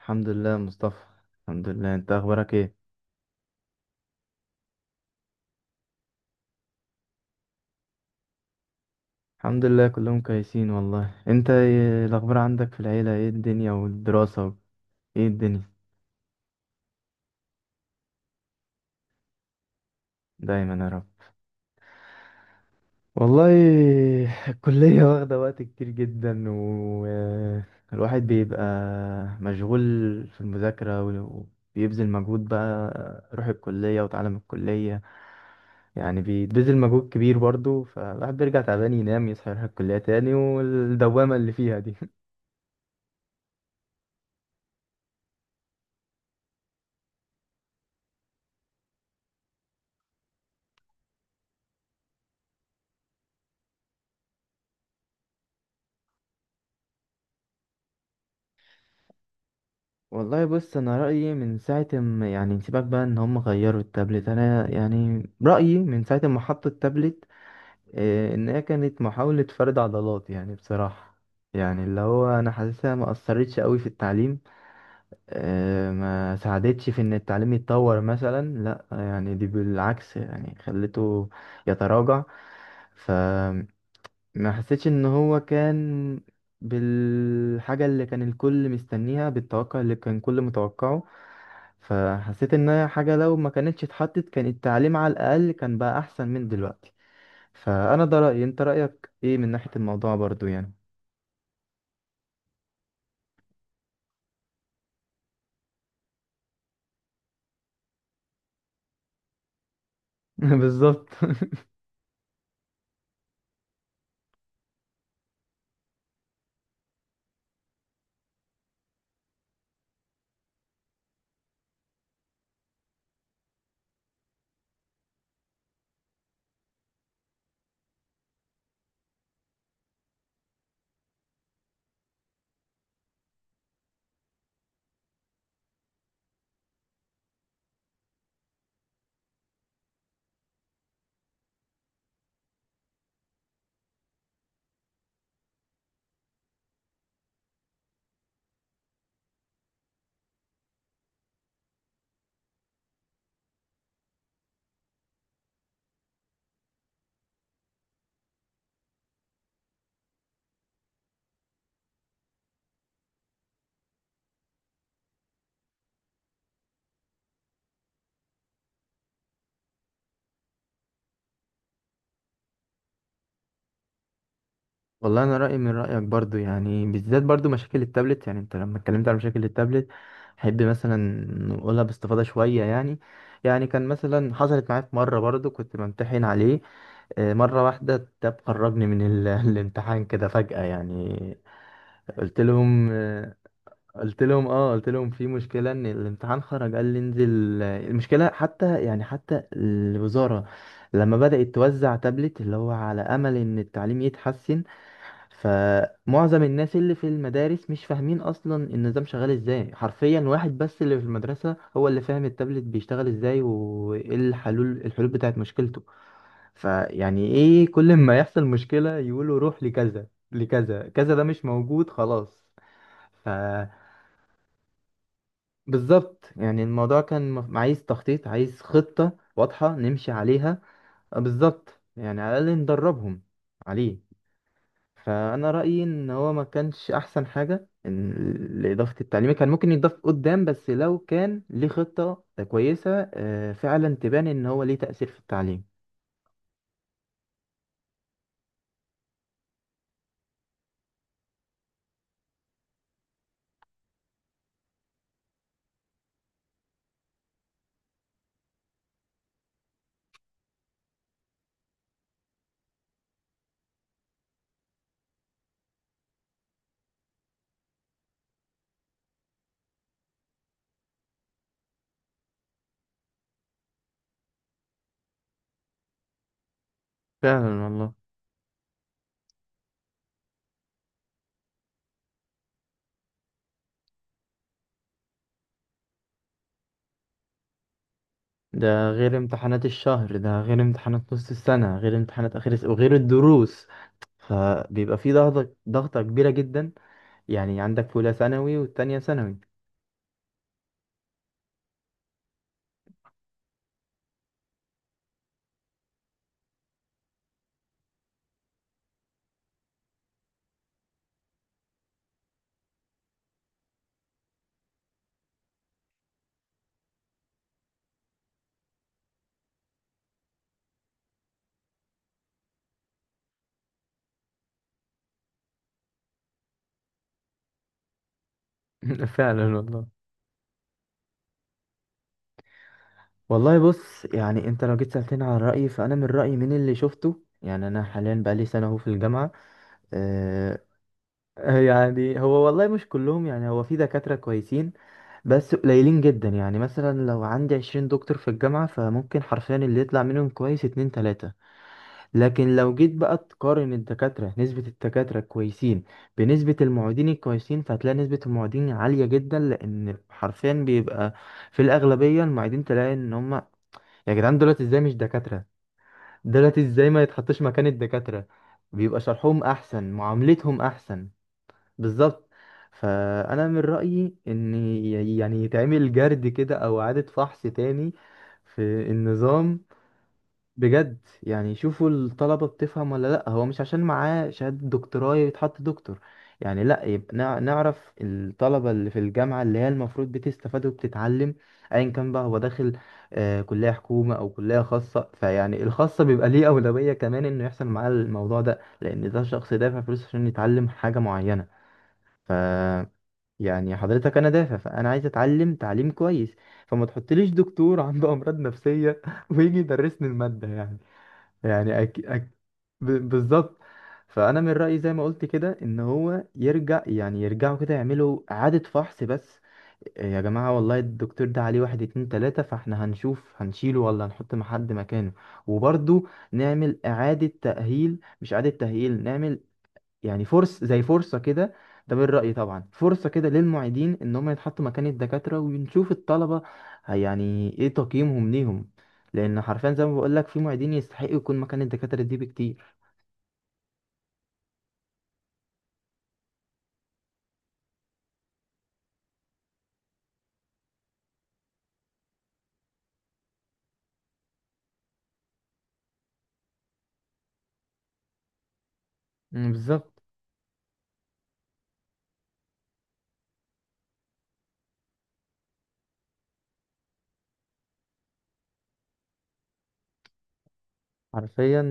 الحمد لله مصطفى. الحمد لله، انت اخبارك ايه؟ الحمد لله كلهم كويسين والله. انت ايه الاخبار عندك في العيله؟ ايه الدنيا والدراسه ايه الدنيا؟ دايما يا رب. والله الكليه واخده وقت كتير جدا، والواحد بيبقى مشغول في المذاكره وبيبذل مجهود بقى. روح الكليه وتعلم الكليه، يعني بيبذل مجهود كبير برضه، فالواحد بيرجع تعبان، ينام، يصحى، يروح الكليه تاني، والدوامه اللي فيها دي. والله بص، انا رايي من ساعه ما يعني سيبك بقى ان هم غيروا التابلت، انا يعني رايي من ساعه ما حطوا التابلت ان هي كانت محاوله فرد عضلات يعني بصراحه. يعني اللي هو انا حاسسها ما اثرتش قوي في التعليم، ما ساعدتش في ان التعليم يتطور مثلا، لا يعني دي بالعكس يعني خلته يتراجع. ف ما حسيتش ان هو كان بالحاجة اللي كان الكل مستنيها، بالتوقع اللي كان الكل متوقعه. فحسيت ان هي حاجة لو ما كانتش اتحطت كان التعليم على الاقل كان بقى احسن من دلوقتي. فانا ده رأيي، انت رأيك ايه من ناحية الموضوع برضو يعني؟ بالظبط. والله انا رايي من رايك برضو يعني، بالذات برضو مشاكل التابلت. يعني انت لما اتكلمت على مشاكل التابلت، احب مثلا نقولها باستفاضه شويه يعني. يعني كان مثلا حصلت معايا في مره برضو كنت بمتحن عليه، مرة واحدة التاب خرجني من الامتحان كده فجأة يعني. قلت لهم آه، قلت لهم اه قلت لهم في مشكلة ان الامتحان خرج، قال لي انزل. المشكلة حتى يعني حتى الوزارة لما بدأت توزع تابلت اللي هو على أمل ان التعليم يتحسن، فمعظم الناس اللي في المدارس مش فاهمين اصلا النظام شغال ازاي. حرفيا واحد بس اللي في المدرسة هو اللي فاهم التابلت بيشتغل ازاي وايه الحلول بتاعت مشكلته. فيعني ايه، كل ما يحصل مشكلة يقولوا روح لكذا لكذا كذا، ده مش موجود خلاص. ف بالظبط، يعني الموضوع كان عايز تخطيط، عايز خطة واضحة نمشي عليها. بالظبط، يعني على الأقل ندربهم عليه. فانا رايي ان هو ما كانش احسن حاجه لاضافه التعليم كان ممكن يتضاف قدام، بس لو كان ليه خطه كويسه فعلا تبان ان هو ليه تاثير في التعليم. فعلا والله. ده غير امتحانات الشهر، ده غير امتحانات نص السنه، غير امتحانات اخر السنه، وغير الدروس. فبيبقى في ضغطه ضغطه كبيره جدا. يعني عندك اولى ثانوي والتانية ثانوي. فعلا والله. والله بص، يعني انت لو جيت سألتني على رأيي، فأنا من رأيي من اللي شفته، يعني أنا حاليا بقالي سنة أهو في الجامعة. آه. يعني هو والله مش كلهم، يعني هو في دكاترة كويسين، بس قليلين جدا. يعني مثلا لو عندي 20 دكتور في الجامعة، فممكن حرفيا اللي يطلع منهم كويس اتنين تلاتة. لكن لو جيت بقى تقارن الدكاترة، نسبة الدكاترة الكويسين بنسبة المعيدين الكويسين، فهتلاقي نسبة المعيدين عالية جدا، لأن حرفيا بيبقى في الأغلبية المعيدين. تلاقي إن هم يا جدعان دولت ازاي مش دكاترة، دولت ازاي ما يتحطش مكان الدكاترة. بيبقى شرحهم احسن، معاملتهم احسن. بالظبط. فانا من رأيي ان يعني يتعمل جرد كده او اعادة فحص تاني في النظام. بجد يعني شوفوا الطلبة بتفهم ولا لأ، هو مش عشان معاه شهادة دكتوراه يتحط دكتور. يعني لأ، يبقى نعرف الطلبة اللي في الجامعة اللي هي المفروض بتستفاد وبتتعلم، أيا كان بقى هو داخل آه كلية حكومة أو كلية خاصة. فيعني الخاصة بيبقى ليه أولوية كمان إنه يحصل معاه الموضوع ده، لأن ده شخص دافع فلوس عشان يتعلم حاجة معينة. ف يعني حضرتك أنا دافع، فأنا عايز أتعلم تعليم كويس، فما تحطليش دكتور عنده أمراض نفسية ويجي يدرسني المادة يعني. يعني بالظبط. فانا من رايي زي ما قلت كده، ان هو يرجع، يعني يرجعوا كده يعملوا اعاده فحص بس. إيه يا جماعه والله الدكتور ده عليه واحد اتنين تلاته، فاحنا هنشوف هنشيله ولا هنحط مع حد مكانه. وبرضه نعمل اعاده تاهيل، مش اعاده تاهيل، نعمل يعني فرص زي فرصة كده. ده من رأيي طبعا، فرصة كده للمعيدين ان هم يتحطوا مكان الدكاترة ونشوف الطلبة يعني ايه تقييمهم ليهم. لان حرفيا زي ما بقول لك، في معيدين يستحقوا يكون مكان الدكاترة دي بكتير. مم، بالظبط. حرفيا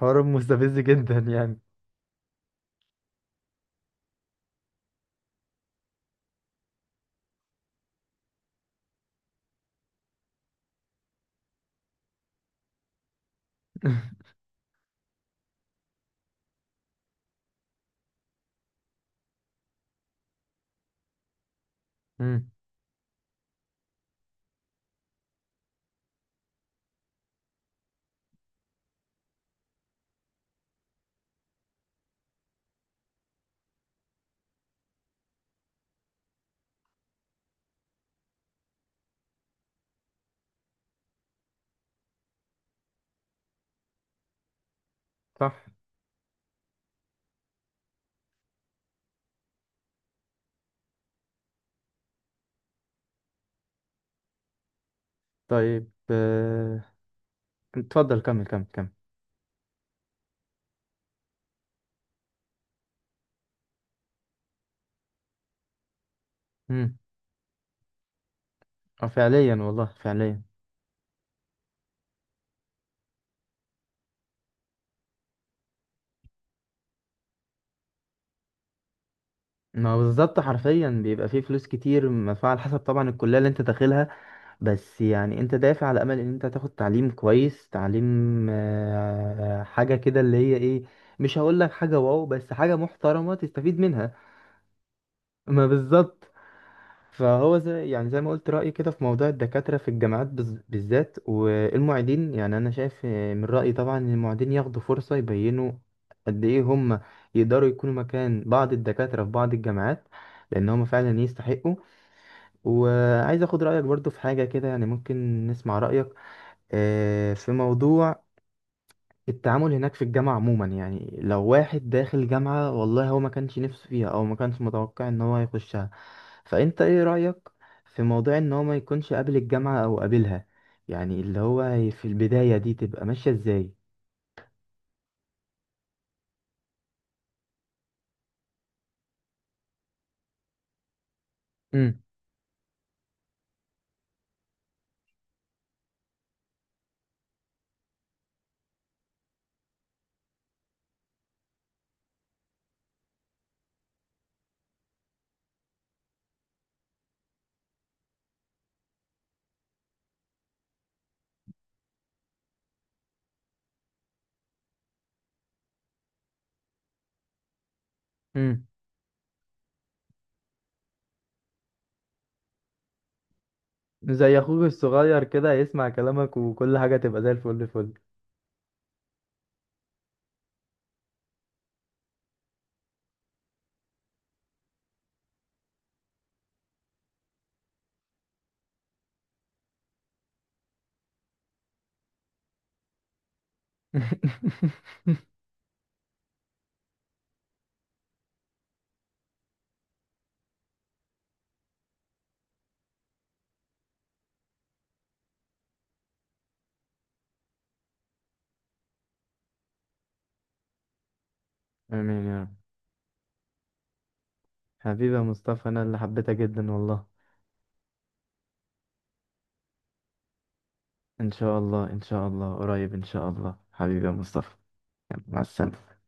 حوار مستفز جدا يعني. امم. صح. طيب اتفضل كمل كمل كمل. امم. اه فعليا والله، فعليا. ما هو بالظبط، حرفيا بيبقى فيه فلوس كتير مدفوعة على حسب طبعا الكلية اللي انت داخلها. بس يعني انت دافع على امل ان انت تاخد تعليم كويس، تعليم حاجه كده اللي هي ايه، مش هقول لك حاجه واو، بس حاجه محترمه تستفيد منها. ما بالظبط. فهو زي، يعني زي ما قلت رايي كده في موضوع الدكاتره في الجامعات بالذات، والمعيدين. يعني انا شايف من رايي طبعا ان المعيدين ياخدوا فرصه يبينوا قد ايه هم يقدروا يكونوا مكان بعض الدكاتره في بعض الجامعات، لان هم فعلا يستحقوا. وعايز اخد رايك برضو في حاجه كده، يعني ممكن نسمع رايك في موضوع التعامل هناك في الجامعة عموما. يعني لو واحد داخل جامعة والله هو ما كانش نفسه فيها أو ما كانش متوقع إن هو يخشها، فأنت إيه رأيك في موضوع إن هو ما يكونش قابل الجامعة أو قابلها، يعني اللي هو في البداية دي تبقى ماشية إزاي؟ امم. امم. زي اخوك الصغير كده يسمع كلامك وكل حاجه تبقى زي الفل فل. آمين يا رب. حبيبي يا مصطفى، أنا اللي حبيتها جدا والله. إن شاء الله إن شاء الله قريب إن شاء الله، حبيبي يا مصطفى. يلا، مع السلامة.